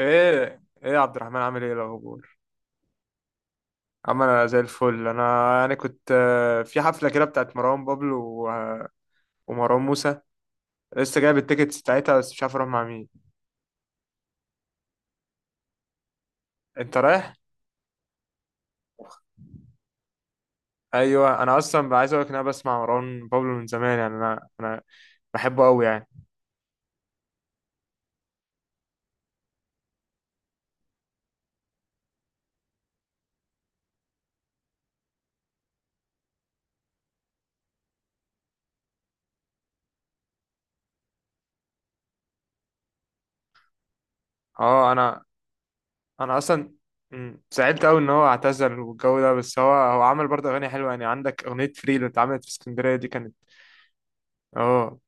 ايه. ايه يا عبد الرحمن، عامل ايه الاخبار؟ عم، زي الفل. انا كنت في حفله كده بتاعت مروان بابلو و- ومروان موسى. لسه جايب التيكتس بتاعتها بس مش عارف اروح مع مين. انت رايح؟ ايوه، انا اصلا بقى عايز اقول لك ان انا بسمع مروان بابلو من زمان يعني انا بحبه قوي يعني. اه انا انا اصلا. زعلت قوي ان هو اعتزل والجو ده، بس هو عمل برضه اغاني حلوه. يعني عندك اغنيه فري اللي اتعملت في اسكندريه دي كانت اه.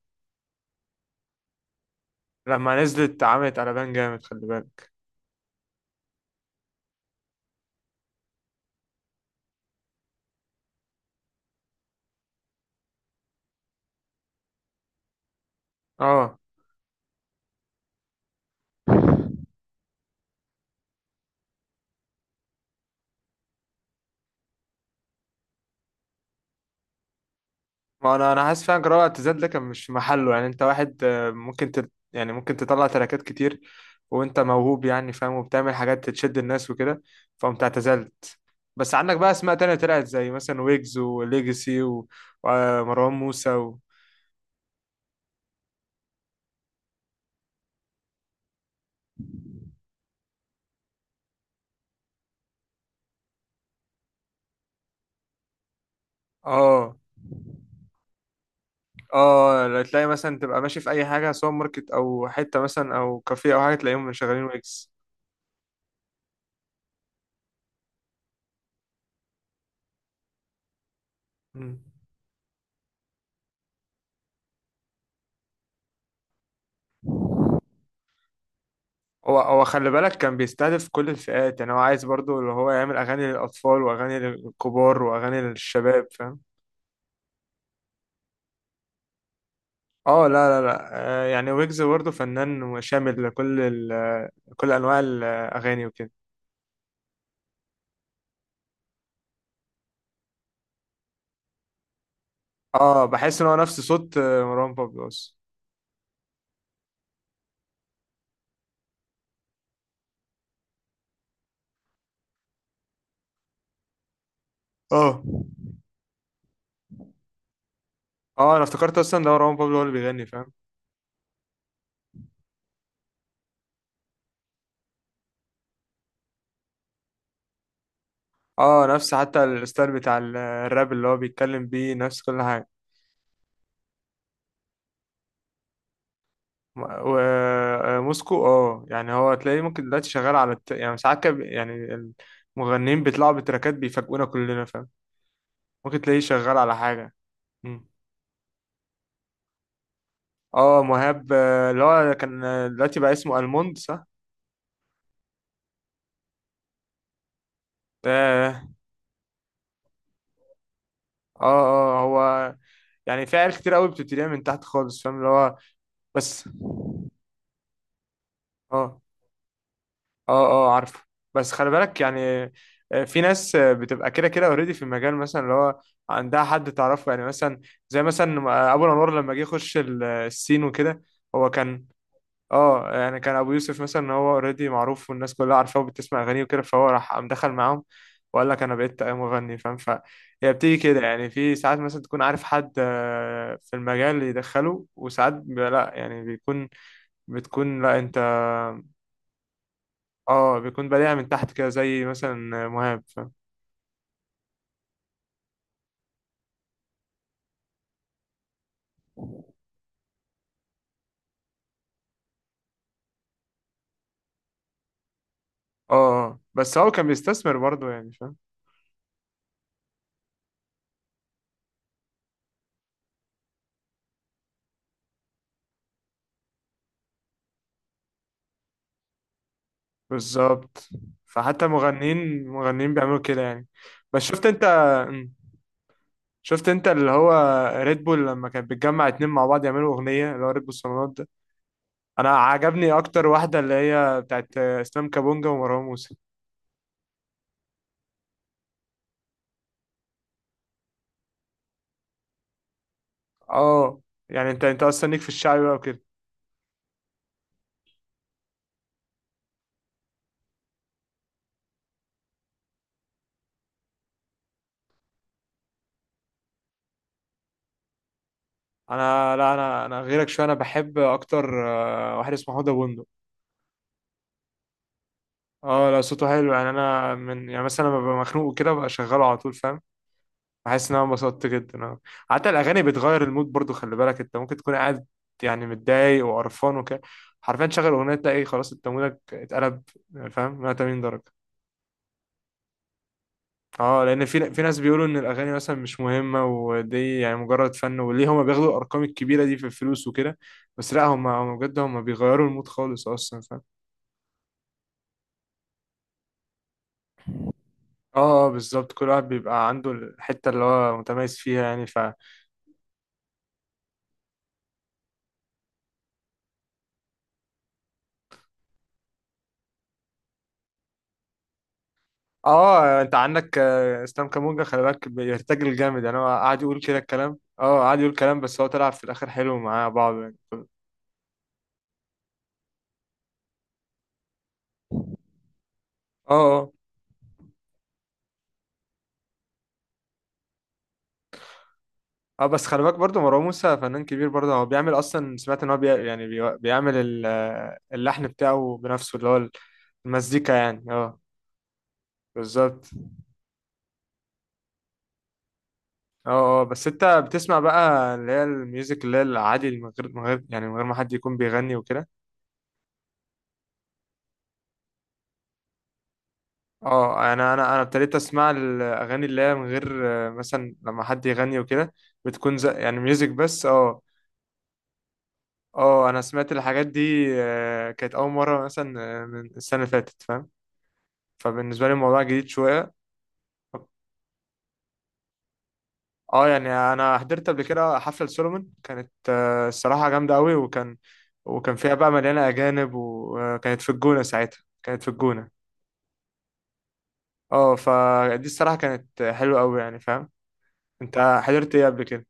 لما نزلت اتعملت على بان جامد، خلي بالك. اه، ما انا انا حاسس فعلا جراءة اعتزال ده كان مش في محله. يعني انت واحد ممكن يعني ممكن تطلع تراكات كتير، وانت موهوب يعني، فاهم؟ وبتعمل حاجات تشد الناس وكده، فقمت اعتزلت. بس عندك بقى اسماء تانية طلعت، زي مثلا ويجز وليجسي ومروان موسى و... اه اه، لا تلاقي مثلا تبقى ماشي في اي حاجة، سوبر ماركت او حتة مثلا او كافيه او حاجة، تلاقيهم شغالين ويجز. مم. هو خلي بالك، كان بيستهدف كل الفئات. يعني هو عايز برضو اللي هو يعمل اغاني للاطفال واغاني للكبار واغاني للشباب، فاهم؟ اه لا. لا آه، يعني ويجز برضو فنان وشامل لكل ال، كل انواع الاغاني وكده. اه بحس ان هو نفس صوت مروان بابلو اصلا. اه اه، انا افتكرت اصلا ده مروان بابلو هو اللي بيغني، فاهم؟ اه، نفس حتى الستايل بتاع الراب اللي هو بيتكلم بيه، نفس كل حاجة. ما- و- موسكو اه. يعني هو تلاقيه ممكن دلوقتي شغال على يعني ساعات يعني المغنيين بيطلعوا بتراكات بيفاجئونا كلنا، فاهم؟ ممكن تلاقيه شغال على حاجة. مم. اه مهاب، اللي هو كان دلوقتي بقى اسمه الموند، صح؟ ده اه. اه هو، يعني في عيال كتير قوي بتبتديها من تحت خالص، فاهم؟ اللي هو بس اه. اه اه عارفه. بس خلي بالك يعني في ناس بتبقى كده كده اوريدي في المجال، مثلا اللي هو عندها حد تعرفه، يعني مثلا زي مثلا ابو الانوار لما جه يخش السين وكده. هو كان اه. يعني كان ابو يوسف مثلا، هو اوريدي معروف والناس كلها عارفاه وبتسمع اغانيه وكده، فهو راح قام دخل معاهم وقال لك انا بقيت مغني، فاهم؟ فهي بتيجي كده. يعني في ساعات مثلا تكون عارف حد في المجال يدخله، وساعات لا يعني بيكون، بتكون لا انت. اه بيكون بدايع من تحت كده، زي مثلا مهاب فاهم. اه آه. بس هو كان بيستثمر برضه، يعني فاهم. بالظبط، فحتى مغنيين بيعملوا كده يعني. بس شفت انت. مم. شفت انت اللي هو ريد بول لما كانت بتجمع اتنين مع بعض يعملوا اغنية، اللي هو ريد بول صالونات ده. انا عجبني اكتر واحدة اللي هي بتاعت اسلام كابونجا ومروان موسى. اه، يعني انت اصلا ليك في الشعبي بقى وكده. انا لا، انا غيرك شويه، انا بحب اكتر واحد اسمه حوده بندق. اه لا صوته حلو يعني، انا من يعني مثلا لما ببقى مخنوق وكده ببقى شغاله على طول، فاهم؟ بحس ان انا انبسطت جدا اه. حتى الاغاني بتغير المود برضو، خلي بالك. انت ممكن تكون قاعد يعني متضايق وقرفان وكده، حرفيا تشغل اغنيه تلاقي خلاص انت مودك اتقلب، فاهم؟ 180 درجه. اه، لان في ناس بيقولوا ان الاغاني مثلا مش مهمه ودي يعني مجرد فن، وليه هما بياخدوا الارقام الكبيره دي في الفلوس وكده؟ بس لا، هما بجد هما بيغيروا المود خالص اصلا، فاهم؟ اه آه، بالظبط. كل واحد بيبقى عنده الحته اللي هو متميز فيها يعني. اه، انت عندك اسلام كامونجا، خلي بالك بيرتجل جامد. يعني هو قاعد يقول كده الكلام، اه قاعد يقول كلام، بس هو طلع في الاخر حلو معاه بعض يعني. اه اه اه. بس خلي بالك برضه مروان موسى فنان كبير برضه، هو بيعمل اصلا. سمعت ان هو بي يعني بي بيعمل اللحن بتاعه بنفسه، اللي هو المزيكا يعني اه. بالظبط. اه اه، بس انت بتسمع بقى اللي هي الميوزك اللي هي العادي، من غير من غير ما حد يكون بيغني وكده. اه، انا ابتديت اسمع الاغاني اللي هي من غير مثلا لما حد يغني وكده، بتكون زي يعني ميوزك بس اه. اه انا سمعت الحاجات دي كانت اول مره مثلا من السنه اللي فاتت، فاهم؟ فبالنسبه لي الموضوع جديد شويه. اه يعني انا حضرت قبل كده حفله سولومون، كانت الصراحه جامده قوي، وكان وكان فيها بقى مليانه اجانب، وكانت في الجونه. ساعتها كانت في الجونه اه. فدي الصراحه كانت حلوه قوي، يعني فاهم. انت حضرت ايه قبل كده؟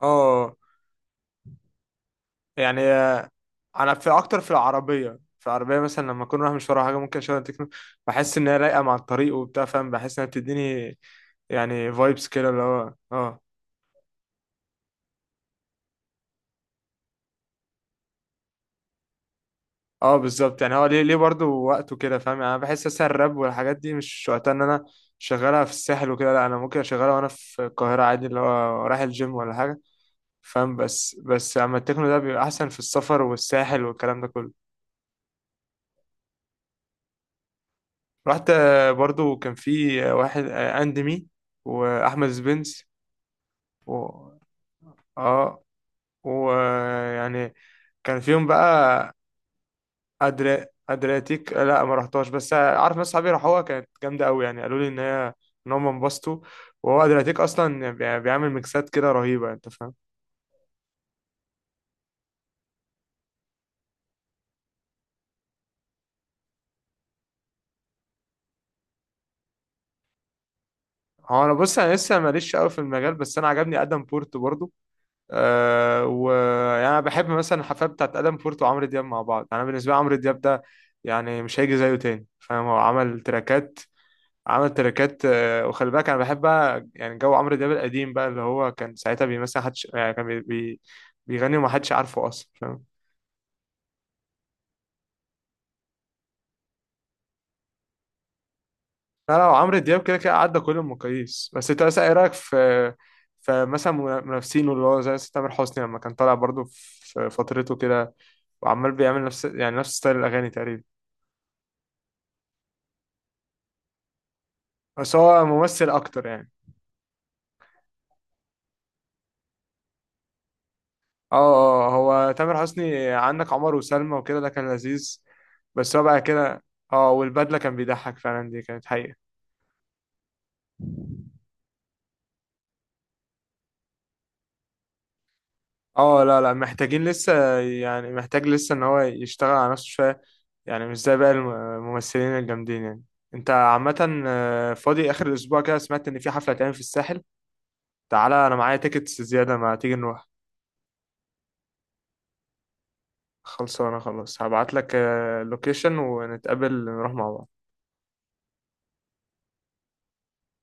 اه يعني انا في اكتر في العربيه مثلا، لما اكون رايح مش ورايا حاجه ممكن اشغل تكنو. بحس ان هي رايقه مع الطريق وبتاع، فاهم؟ بحس انها بتديني يعني فايبس كده اللي هو اه. اه بالظبط، يعني هو ليه ليه برضه وقته كده، فاهم؟ يعني انا بحس اساسا الراب والحاجات دي مش وقتها ان انا شغالها في الساحل وكده. لا انا ممكن اشغلها وانا في القاهره عادي، اللي هو رايح الجيم ولا حاجه، فاهم؟ بس اما التكنو ده بيبقى احسن في السفر والساحل والكلام ده كله. رحت برضه. كان في واحد اندمي، واحمد سبنس و... اه ويعني كان فيهم بقى. ادرياتيك لا ما رحتهاش، بس عارف ناس صحابي راحوها كانت جامده قوي، يعني قالوا لي ان هي ان هم انبسطوا. وهو ادرياتيك اصلا بيعمل ميكسات كده رهيبه، انت فاهم. هو انا بص، انا لسه ماليش قوي في المجال، بس انا عجبني ادم بورت برضو. أه ويعني انا بحب مثلا الحفلات بتاعت ادم بورت وعمرو دياب مع بعض. يعني انا بالنسبه لي عمرو دياب ده يعني مش هيجي زيه تاني، فاهم؟ هو عمل تراكات، عمل تريكات وخلي بالك، انا بحب بقى يعني جو عمرو دياب القديم بقى، اللي هو كان ساعتها بيمثل حدش. يعني كان بي بي بيغني وما حدش عارفه اصلا، فاهم؟ لا لا، عمرو دياب كده كده عدى كل المقاييس. بس انت مثلا ايه رايك في، فمثلا منافسينه اللي هو زي تامر حسني لما كان طالع برضه في فترته كده، وعمال بيعمل نفس يعني نفس ستايل الاغاني تقريبا؟ بس هو ممثل اكتر يعني. اه اه آه، هو تامر حسني عندك عمر وسلمى وكده ده كان لذيذ، بس هو بقى كده. اه والبدله، كان بيضحك فعلا، دي كانت حقيقة. اه لا لا، محتاجين لسه. يعني محتاج لسه ان هو يشتغل على نفسه شوية، يعني مش زي باقي الممثلين الجامدين يعني. انت عامة فاضي اخر الاسبوع كده؟ سمعت ان في حفلة هتعمل في الساحل، تعالى انا معايا تيكتس زيادة، ما تيجي نروح. خلصانة خلاص، هبعت لك اللوكيشن ونتقابل نروح مع بعض.